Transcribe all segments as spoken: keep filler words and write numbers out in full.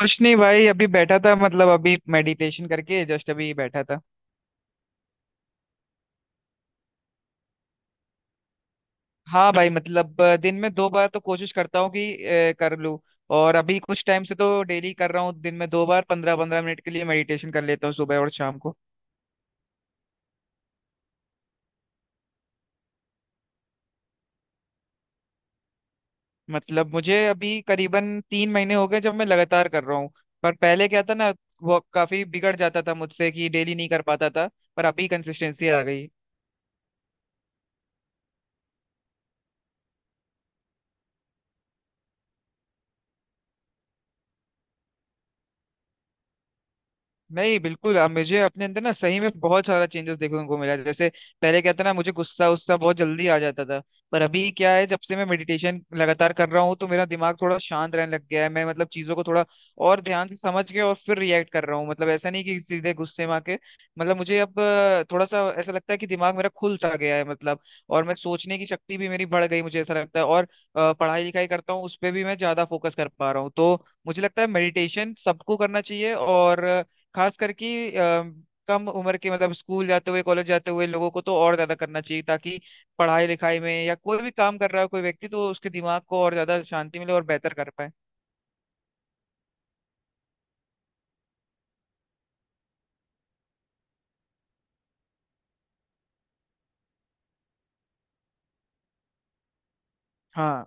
कुछ नहीं भाई अभी बैठा था मतलब अभी मेडिटेशन करके जस्ट अभी बैठा था। हाँ भाई मतलब अ, दिन में दो बार तो कोशिश करता हूँ कि अ, कर लूँ। और अभी कुछ टाइम से तो डेली कर रहा हूँ दिन में दो बार पंद्रह पंद्रह मिनट के लिए मेडिटेशन कर लेता हूँ सुबह और शाम को। मतलब मुझे अभी करीबन तीन महीने हो गए जब मैं लगातार कर रहा हूँ। पर पहले क्या था ना वो काफी बिगड़ जाता था मुझसे कि डेली नहीं कर पाता था। पर अभी कंसिस्टेंसी आ गई। नहीं बिल्कुल अब मुझे अपने अंदर ना सही में बहुत सारा चेंजेस देखने को मिला है। जैसे पहले क्या था ना मुझे गुस्सा उस्सा बहुत जल्दी आ जाता था। पर अभी क्या है जब से मैं मेडिटेशन लगातार कर रहा हूँ तो मेरा दिमाग थोड़ा शांत रहने लग गया है, मैं मतलब चीजों को थोड़ा और ध्यान से समझ के और फिर रिएक्ट कर रहा हूँ, मतलब ऐसा नहीं कि सीधे गुस्से में आके। मतलब मुझे अब अ, थोड़ा सा ऐसा लगता है कि दिमाग मेरा खुल सा गया है मतलब। और मैं सोचने की शक्ति भी मेरी बढ़ गई मुझे ऐसा लगता है। और अ, पढ़ाई लिखाई करता हूँ उस पर भी मैं ज्यादा फोकस कर पा रहा हूँ, तो मुझे लगता है मेडिटेशन सबको करना चाहिए। और खास करके अ, कम उम्र के मतलब स्कूल जाते हुए कॉलेज जाते हुए लोगों को तो और ज्यादा करना चाहिए, ताकि पढ़ाई लिखाई में या कोई भी काम कर रहा है कोई व्यक्ति तो उसके दिमाग को और ज्यादा शांति मिले और बेहतर कर पाए। हाँ।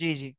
जी जी।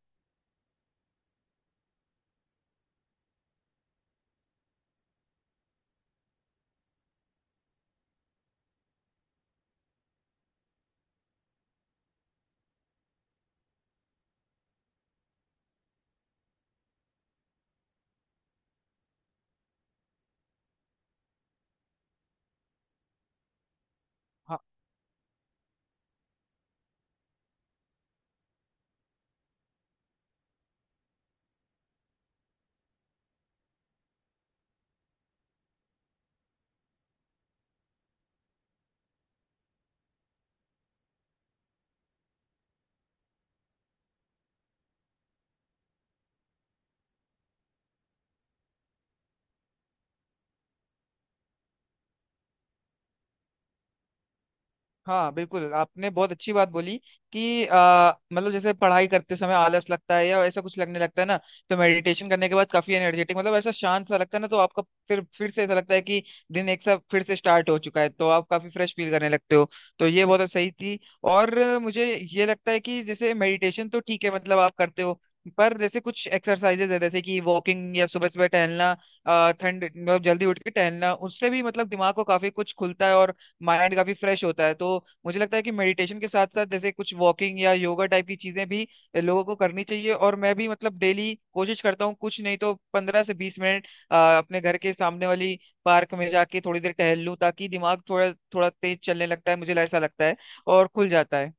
हाँ बिल्कुल, आपने बहुत अच्छी बात बोली कि आ, मतलब जैसे पढ़ाई करते समय आलस लगता है या ऐसा कुछ लगने लगता है ना, तो मेडिटेशन करने के बाद काफी एनर्जेटिक मतलब ऐसा शांत सा लगता है ना, तो आपका फिर फिर से ऐसा लगता है कि दिन एक सा फिर से स्टार्ट हो चुका है, तो आप काफी फ्रेश फील करने लगते हो। तो ये बहुत सही थी। और अ, मुझे ये लगता है कि जैसे मेडिटेशन तो ठीक है, मतलब आप करते हो, पर जैसे कुछ एक्सरसाइजेज है जैसे कि वॉकिंग या सुबह सुबह टहलना, अ, ठंड मतलब जल्दी उठ के टहलना, उससे भी मतलब दिमाग को काफी कुछ खुलता है और माइंड काफी फ्रेश होता है। तो मुझे लगता है कि मेडिटेशन के साथ साथ जैसे कुछ वॉकिंग या योगा टाइप की चीजें भी लोगों को करनी चाहिए। और मैं भी मतलब डेली कोशिश करता हूँ, कुछ नहीं तो पंद्रह से बीस मिनट अ, अपने घर के सामने वाली पार्क में जाके थोड़ी देर टहल लूँ, ताकि दिमाग थोड़ा थोड़ा तेज चलने लगता है, मुझे ऐसा लगता है, और खुल जाता है।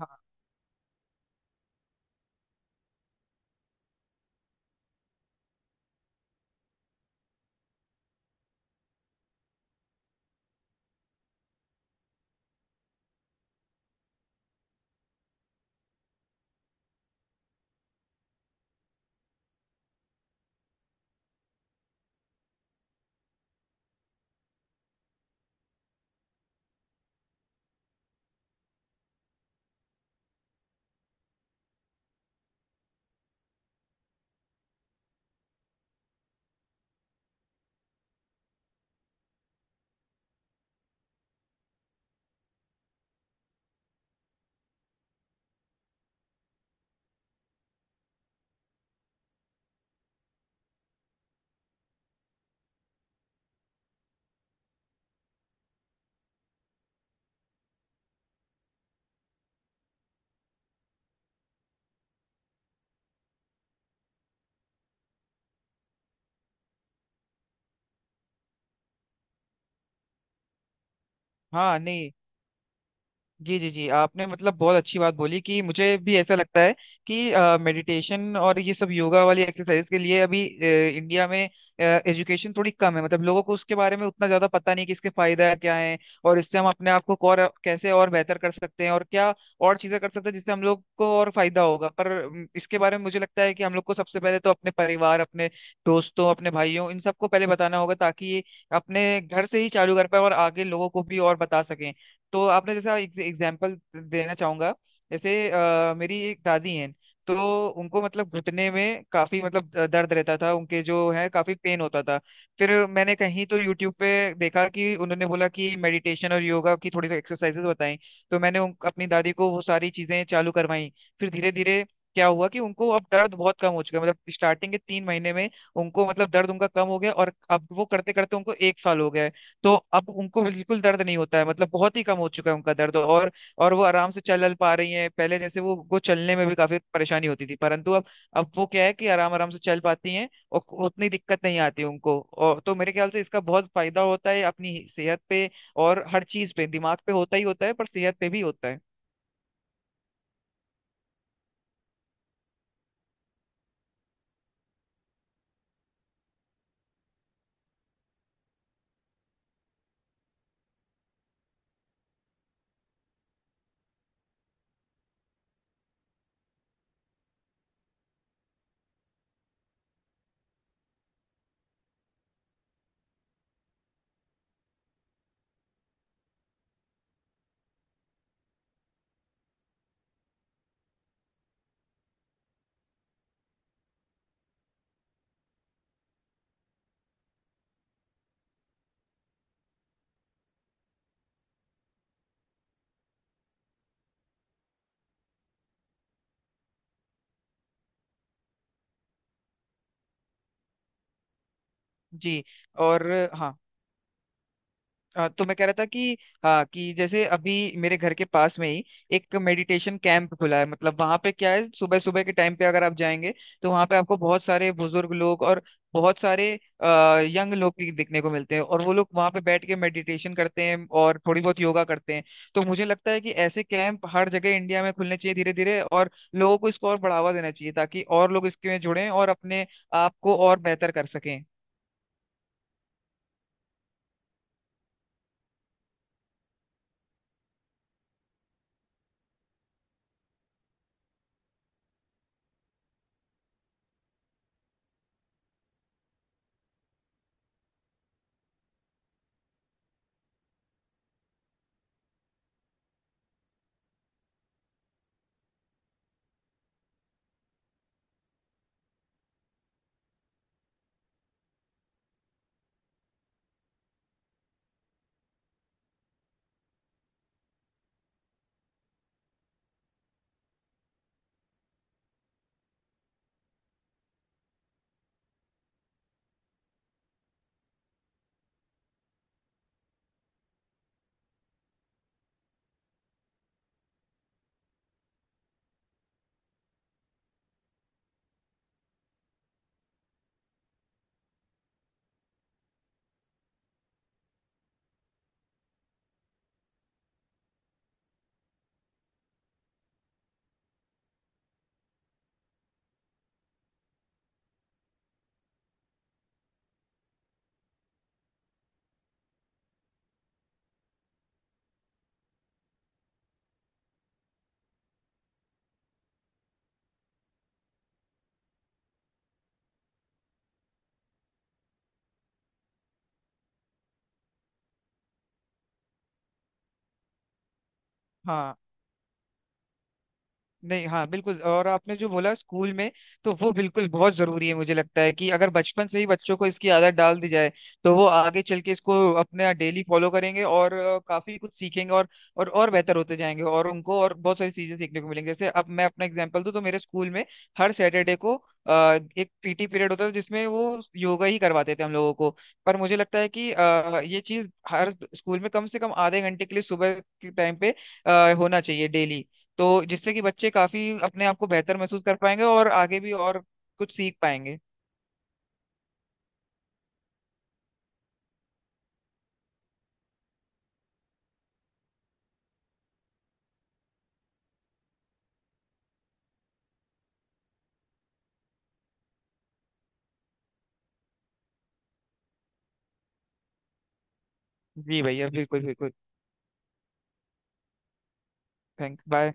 हाँ। हाँ, नहीं। जी जी जी, आपने मतलब बहुत अच्छी बात बोली कि मुझे भी ऐसा लगता है कि मेडिटेशन और ये सब योगा वाली एक्सरसाइज के लिए अभी अ, इंडिया में एजुकेशन थोड़ी कम है, मतलब लोगों को उसके बारे में उतना ज्यादा पता नहीं कि इसके फायदा क्या है और इससे हम अपने आप को और कैसे और बेहतर कर सकते हैं और क्या और चीजें कर सकते हैं जिससे हम लोग को और फायदा होगा। पर अम, इसके बारे में मुझे लगता है कि हम लोग को सबसे पहले तो अपने परिवार, अपने दोस्तों, अपने भाइयों, इन सबको पहले बताना होगा, ताकि ये अपने घर से ही चालू कर पाए और आगे लोगों को भी और बता सकें। तो आपने जैसा एग्जाम्पल देना चाहूंगा जैसे अ, मेरी एक दादी हैं। तो उनको मतलब घुटने में काफी मतलब द- दर्द रहता था, उनके जो है काफी पेन होता था। फिर मैंने कहीं तो यूट्यूब पे देखा कि उन्होंने बोला कि मेडिटेशन और योगा की थोड़ी सी एक्सरसाइजेस बताई। तो मैंने उन, अपनी दादी को वो सारी चीजें चालू करवाई। फिर धीरे धीरे क्या हुआ कि उनको अब दर्द बहुत कम हो चुका है। मतलब स्टार्टिंग के तीन महीने में उनको मतलब दर्द उनका कम हो गया, और अब वो करते करते उनको एक साल हो गया है। तो अब उनको बिल्कुल दर्द नहीं होता है, मतलब बहुत ही कम हो चुका है उनका दर्द। और और वो आराम से चल पा रही हैं, पहले जैसे वो उनको चलने में भी काफी परेशानी होती थी, परंतु अब अब वो क्या है कि आराम आराम से चल पाती हैं और उतनी दिक्कत नहीं आती उनको। और तो मेरे ख्याल से इसका बहुत फायदा होता है अपनी सेहत पे और हर चीज पे, दिमाग पे होता ही होता है पर सेहत पे भी होता है। जी। और हाँ, आ, तो मैं कह रहा था कि हाँ कि जैसे अभी मेरे घर के पास में ही एक मेडिटेशन कैंप खुला है। मतलब वहां पे क्या है, सुबह सुबह के टाइम पे अगर आप जाएंगे तो वहां पे आपको बहुत सारे बुजुर्ग लोग और बहुत सारे आ, यंग लोग भी दिखने को मिलते हैं, और वो लोग वहां पे बैठ के मेडिटेशन करते हैं और थोड़ी बहुत योगा करते हैं। तो मुझे लगता है कि ऐसे कैंप हर जगह इंडिया में खुलने चाहिए धीरे धीरे, और लोगों को इसको और बढ़ावा देना चाहिए ताकि और लोग इसके में जुड़ें और अपने आप को और बेहतर कर सकें। हाँ। नहीं, हाँ बिल्कुल। और आपने जो बोला स्कूल में, तो वो बिल्कुल बहुत जरूरी है। मुझे लगता है कि अगर बचपन से ही बच्चों को इसकी आदत डाल दी जाए तो वो आगे चल के इसको अपने डेली फॉलो करेंगे और अ, काफी कुछ सीखेंगे और और और बेहतर होते जाएंगे और उनको और बहुत सारी चीजें सीखने को मिलेंगी। जैसे अब मैं अपना एग्जांपल दूं तो मेरे स्कूल में हर सैटरडे को अ, एक पी टी पीरियड होता था, जिसमें वो योगा ही करवाते थे हम लोगों को। पर मुझे लगता है कि अ, ये चीज हर स्कूल में कम से कम आधे घंटे के लिए सुबह के टाइम पे अ, होना चाहिए डेली, तो जिससे कि बच्चे काफी अपने आप को बेहतर महसूस कर पाएंगे और आगे भी और कुछ सीख पाएंगे। जी भैया बिल्कुल बिल्कुल। Thank bye.